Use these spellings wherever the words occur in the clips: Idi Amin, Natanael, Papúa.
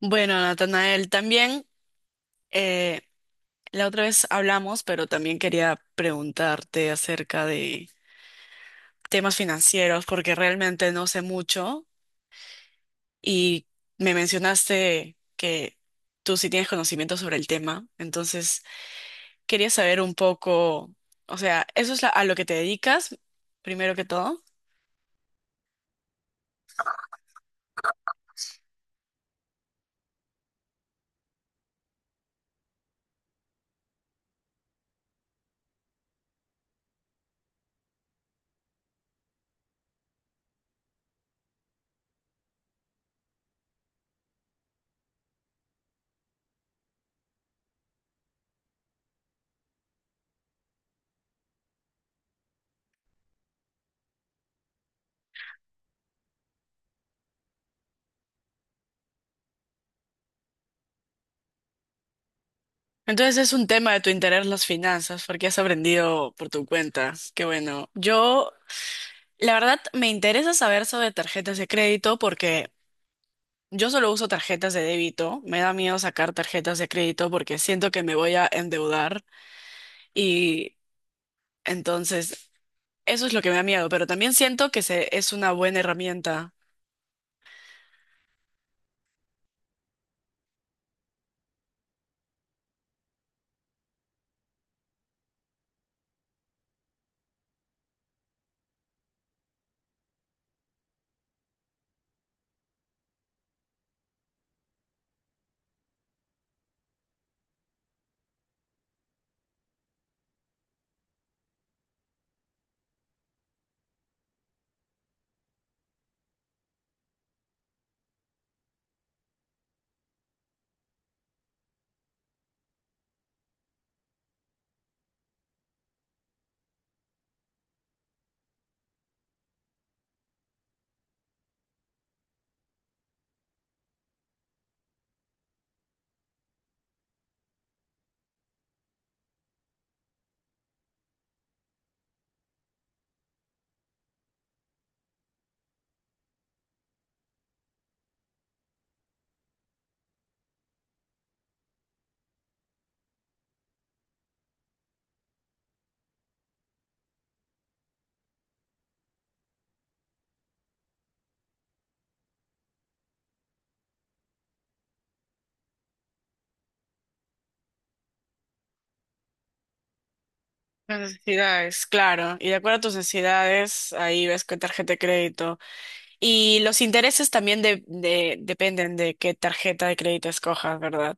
Bueno, Natanael, también eh, la otra vez hablamos, pero también quería preguntarte acerca de temas financieros, porque realmente no sé mucho y me mencionaste que tú sí tienes conocimiento sobre el tema, entonces quería saber un poco, o sea, a lo que te dedicas, primero que todo. Entonces es un tema de tu interés las finanzas, porque has aprendido por tu cuenta. Qué bueno. Yo La verdad, me interesa saber sobre tarjetas de crédito porque yo solo uso tarjetas de débito. Me da miedo sacar tarjetas de crédito porque siento que me voy a endeudar y entonces eso es lo que me da miedo, pero también siento es una buena herramienta. Las necesidades, claro. Y de acuerdo a tus necesidades, ahí ves qué tarjeta de crédito. Y los intereses también dependen de qué tarjeta de crédito escojas, ¿verdad?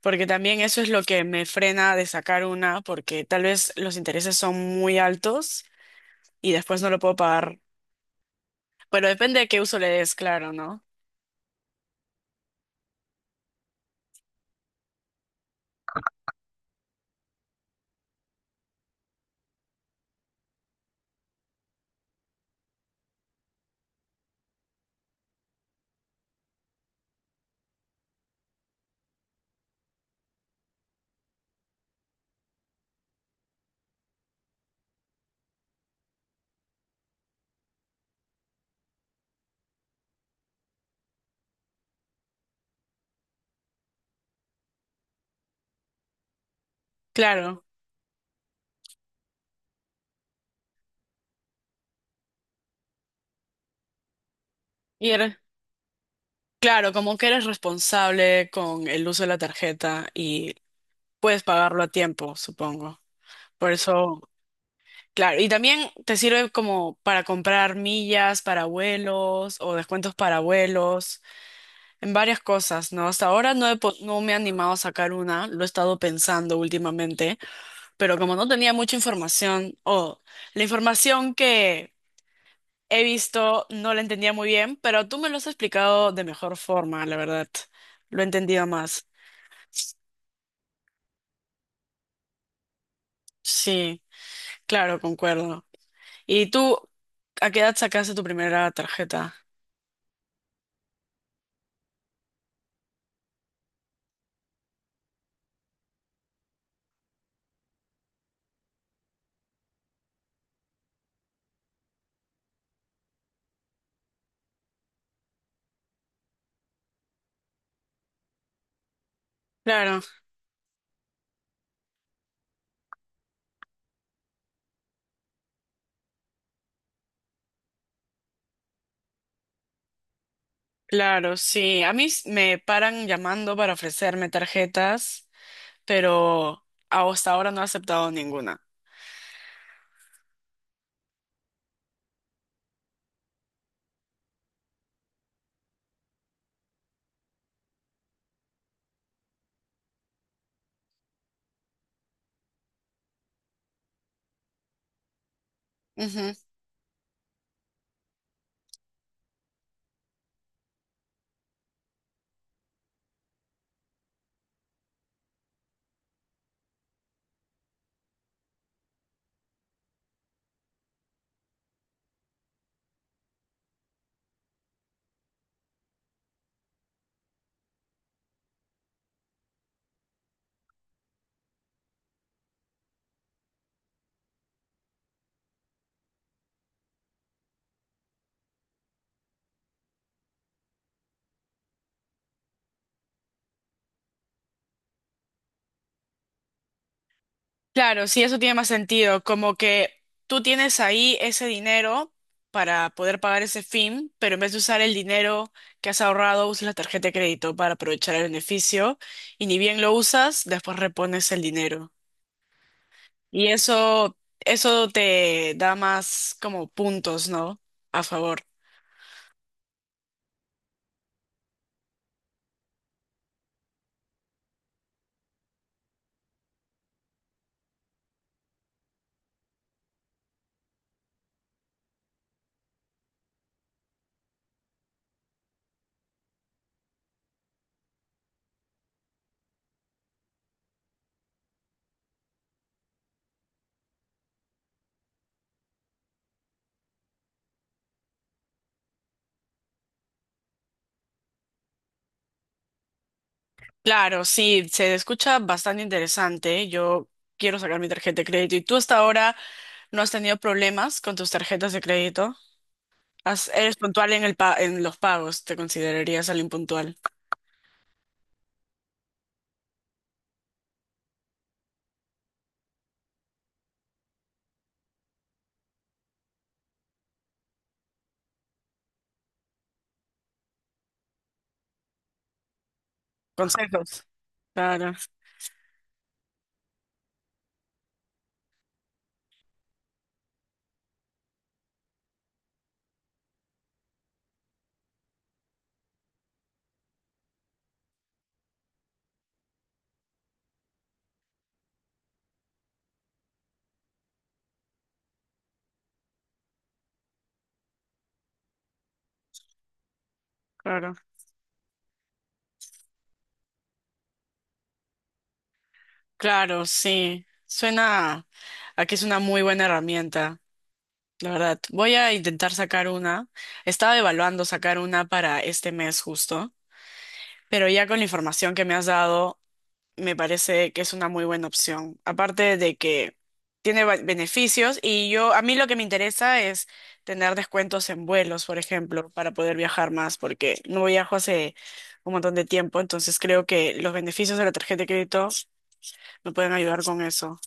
Porque también eso es lo que me frena de sacar una, porque tal vez los intereses son muy altos y después no lo puedo pagar. Pero depende de qué uso le des, claro, ¿no? Claro. Y eres, claro, como que eres responsable con el uso de la tarjeta y puedes pagarlo a tiempo, supongo. Por eso, claro. Y también te sirve como para comprar millas para vuelos o descuentos para vuelos en varias cosas, ¿no? Hasta ahora no me he animado a sacar una, lo he estado pensando últimamente, pero como no tenía mucha información, o la información que he visto no la entendía muy bien, pero tú me lo has explicado de mejor forma, la verdad. Lo he entendido más. Sí, claro, concuerdo. ¿Y tú, a qué edad sacaste tu primera tarjeta? Claro, claro, sí. Me paran llamando para ofrecerme tarjetas, pero hasta ahora no he aceptado ninguna. Claro, sí, eso tiene más sentido, como que tú tienes ahí ese dinero para poder pagar ese fin, pero en vez de usar el dinero que has ahorrado, usas la tarjeta de crédito para aprovechar el beneficio y ni bien lo usas, después repones el dinero. Y eso te da más como puntos, ¿no? A favor. Claro, sí, se escucha bastante interesante. Yo quiero sacar mi tarjeta de crédito. ¿Y tú hasta ahora no has tenido problemas con tus tarjetas de crédito? Eres puntual en en los pagos, te considerarías alguien puntual. Consejos. Claro, claro. Claro, sí. Suena a que es una muy buena herramienta, la verdad. Voy a intentar sacar una. Estaba evaluando sacar una para este mes justo, pero ya con la información que me has dado, me parece que es una muy buena opción. Aparte de que tiene beneficios y yo, a mí lo que me interesa es tener descuentos en vuelos, por ejemplo, para poder viajar más, porque no viajo hace un montón de tiempo, entonces creo que los beneficios de la tarjeta de crédito me pueden ayudar con eso.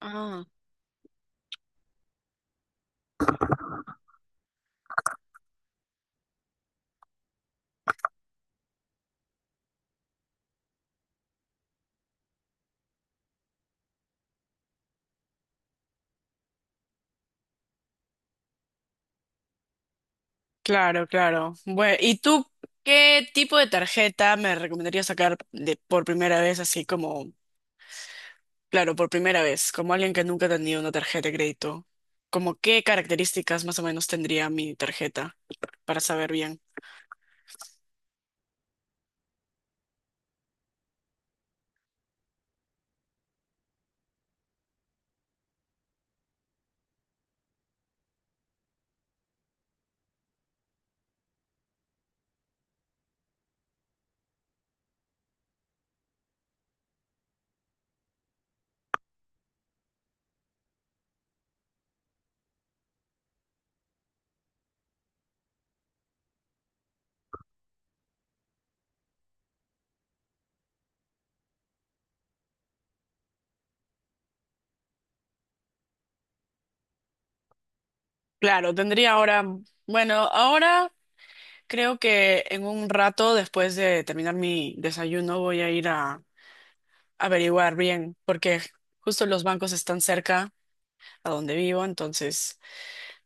Ah, claro, claro. Bueno, ¿y tú qué tipo de tarjeta me recomendarías sacar de, por primera vez, así como Claro, por primera vez, como alguien que nunca ha tenido una tarjeta de crédito, ¿como qué características más o menos tendría mi tarjeta para saber bien? Claro, tendría ahora, bueno, ahora creo que en un rato después de terminar mi desayuno voy a ir a averiguar bien, porque justo los bancos están cerca a donde vivo, entonces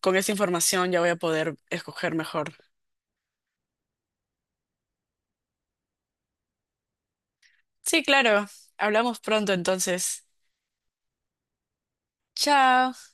con esa información ya voy a poder escoger mejor. Sí, claro, hablamos pronto entonces. Chao.